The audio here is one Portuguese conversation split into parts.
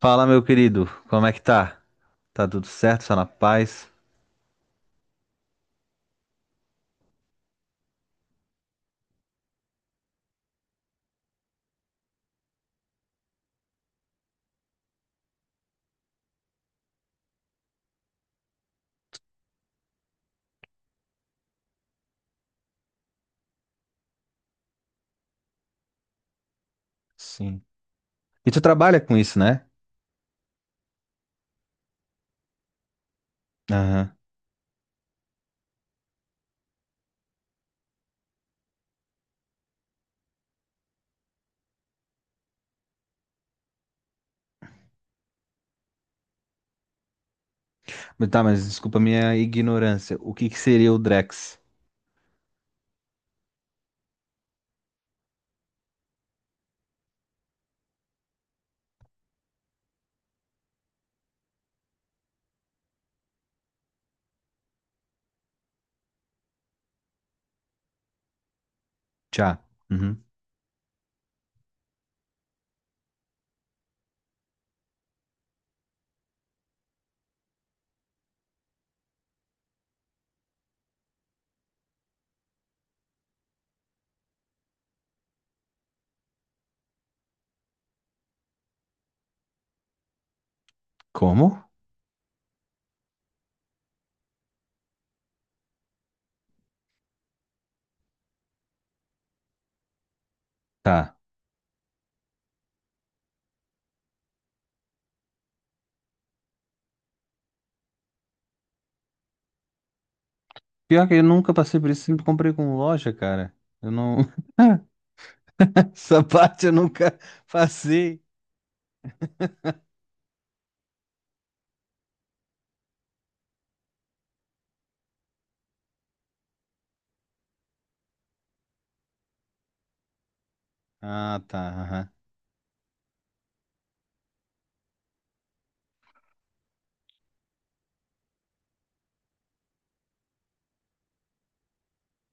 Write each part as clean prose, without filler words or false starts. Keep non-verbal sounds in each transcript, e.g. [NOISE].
Fala, meu querido, como é que tá? Tá tudo certo? Só na paz? Sim. E tu trabalha com isso, né? Aham. Mas tá, mas desculpa a minha ignorância. O que que seria o Drex? Tchá. Uhum. Como? Tá. Pior que eu nunca passei por isso, sempre comprei com loja, cara. Eu não. [LAUGHS] Essa parte eu nunca passei. Ah, tá, aham.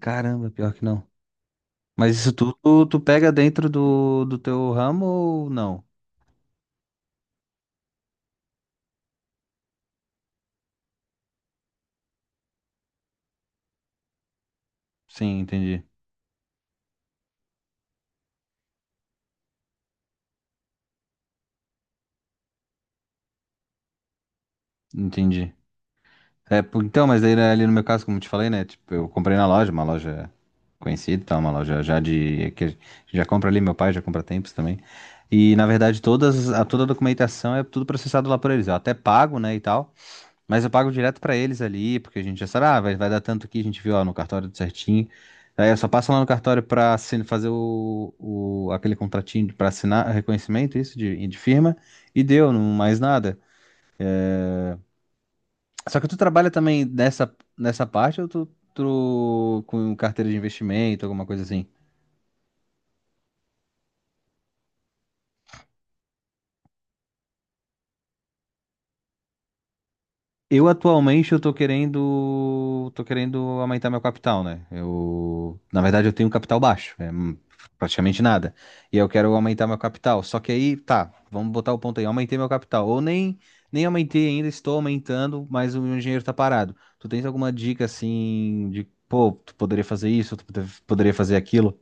Caramba, pior que não. Mas isso tudo tu, tu pega dentro do teu ramo ou não? Sim, entendi. Entendi. É, pô, então, mas daí né, ali no meu caso, como eu te falei, né? Tipo, eu comprei na loja, uma loja conhecida, e tal, uma loja já de, que a gente já compra ali, meu pai já compra há tempos também. E na verdade, todas, a, toda a documentação é tudo processado lá por eles. Eu até pago, né, e tal, mas eu pago direto pra eles ali, porque a gente já sabe, ah, vai, vai dar tanto aqui, a gente viu ó, no cartório tudo certinho. Aí eu só passo lá no cartório pra fazer o, aquele contratinho pra assinar reconhecimento, isso, de firma, e deu, não mais nada. Só que tu trabalha também nessa parte ou tu, tu com carteira de investimento, alguma coisa assim? Eu atualmente eu tô querendo aumentar meu capital, né? Eu, na verdade eu tenho um capital baixo, é praticamente nada. E eu quero aumentar meu capital. Só que aí, tá, vamos botar o ponto aí, aumentei meu capital ou nem aumentei ainda, estou aumentando, mas o meu dinheiro tá parado. Tu tens alguma dica assim de, pô, tu poderia fazer isso, poderia fazer aquilo?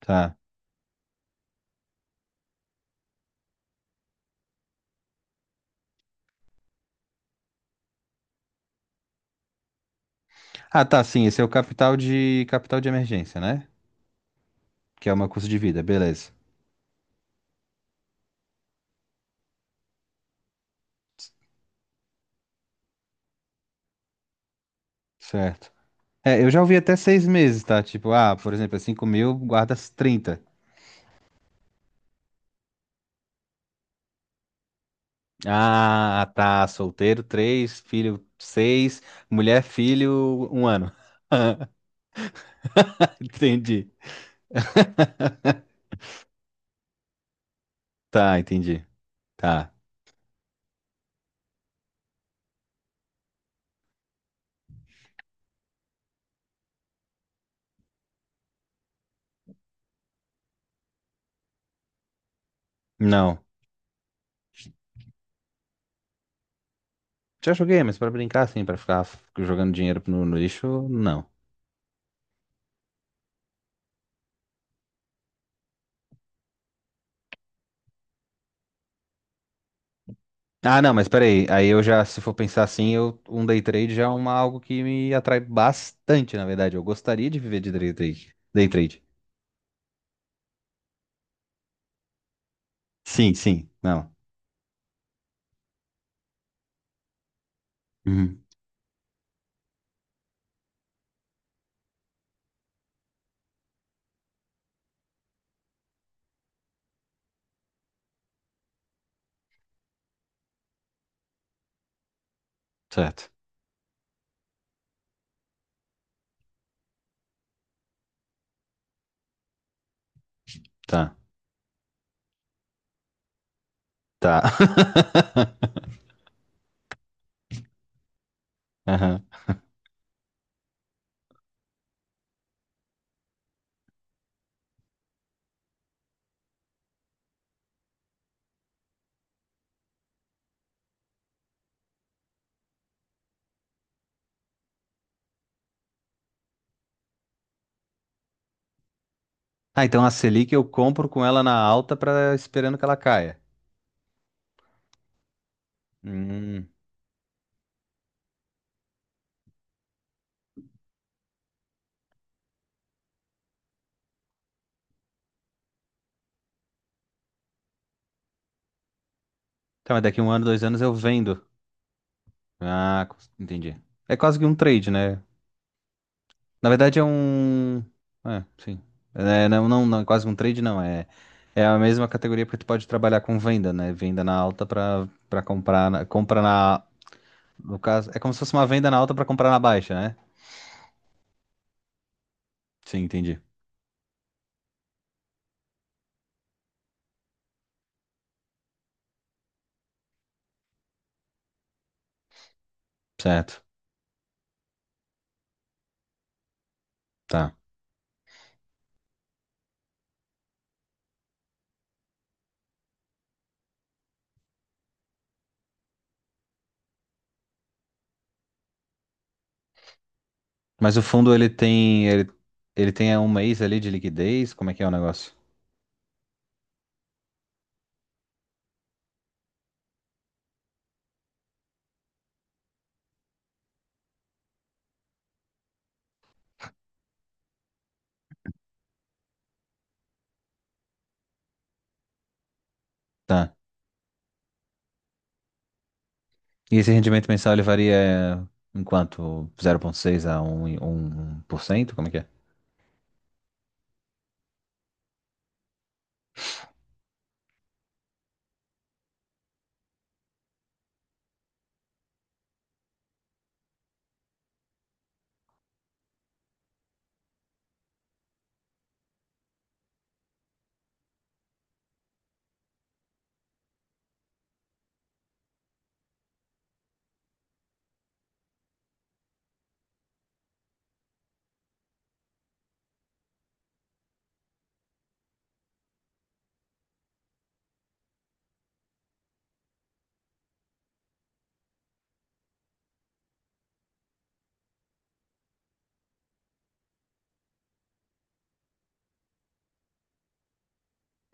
Tá. Ah, tá, sim, esse é o capital de emergência, né? Que é uma custo de vida, beleza. Certo. É, eu já ouvi até 6 meses, tá? Tipo, ah, por exemplo, é 5 mil, guardas 30. Ah, tá, solteiro, três, filho, seis, mulher, filho, 1 ano. [LAUGHS] Entendi. Tá, entendi. Tá. Não. Já joguei, mas pra brincar, assim, pra ficar jogando dinheiro no lixo, não. Ah, não, mas peraí. Aí eu já, se for pensar assim, eu, um day trade já é uma, algo que me atrai bastante, na verdade. Eu gostaria de viver de day trade. Day trade. Sim, sim. Não. Uhum, certo. Tá. Tá. [LAUGHS] Aham. Ah, então a Selic eu compro com ela na alta para esperando que ela caia. Hum. Então, mas daqui 1 ano, 2 anos eu vendo. Ah, entendi. É quase que um trade, né? Na verdade é um. É, sim. É, né, quase um trade não. É, é a mesma categoria porque tu pode trabalhar com venda, né? Venda na alta pra, pra comprar. Na, compra na. No caso, é como se fosse uma venda na alta pra comprar na baixa, né? Sim, entendi. Certo. Tá. Mas o fundo ele tem. Ele tem é, um mês ali de liquidez? Como é que é o negócio? Tá. E esse rendimento mensal ele varia é, em quanto? 0,6 a 1%. Como é que é?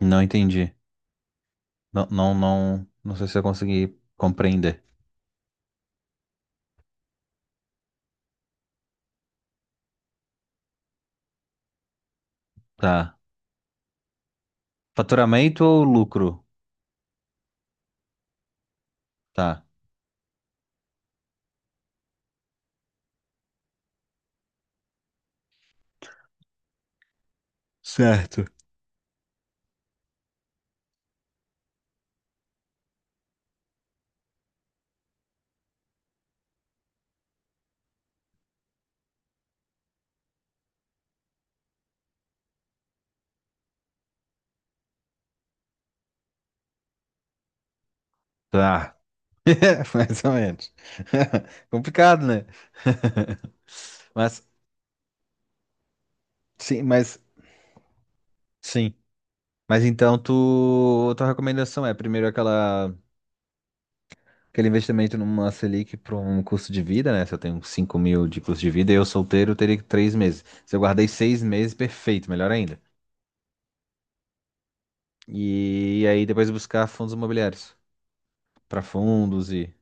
Não entendi. Não sei se eu consegui compreender. Tá. Faturamento ou lucro? Tá. Certo. Tá. [LAUGHS] É, mais ou menos. [LAUGHS] Complicado, né? [LAUGHS] Mas, sim, mas, sim. Mas então, tu, tua recomendação é primeiro aquela, aquele investimento numa Selic para um custo de vida, né? Se eu tenho 5 mil de custo de vida e eu solteiro, eu teria 3 meses. Se eu guardei 6 meses, perfeito, melhor ainda. E, aí depois buscar fundos imobiliários, para fundos e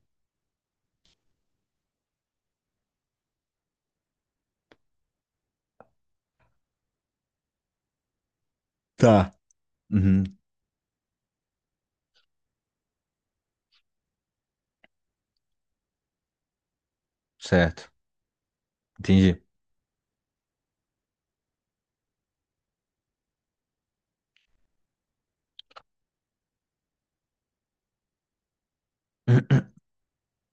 tá. Uhum, certo. Entendi.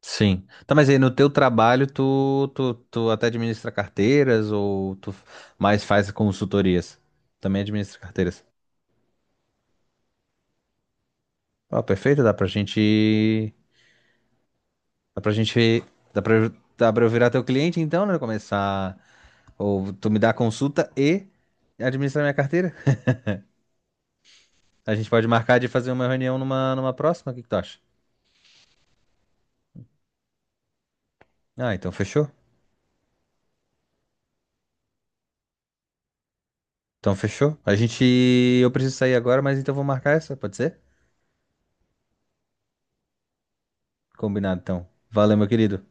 Sim. Tá, mas aí no teu trabalho tu até administra carteiras ou tu mais faz consultorias? Também administra carteiras. Ó, perfeito, dá pra gente. Dá pra gente. Dá pra, dá pra eu virar teu cliente então, né? Começar. Ou tu me dá consulta e administra minha carteira? A gente pode marcar de fazer uma reunião numa próxima, o que que tu acha? Ah, então fechou. Então fechou. A gente. Eu preciso sair agora, mas então vou marcar essa, pode ser? Combinado, então. Valeu, meu querido.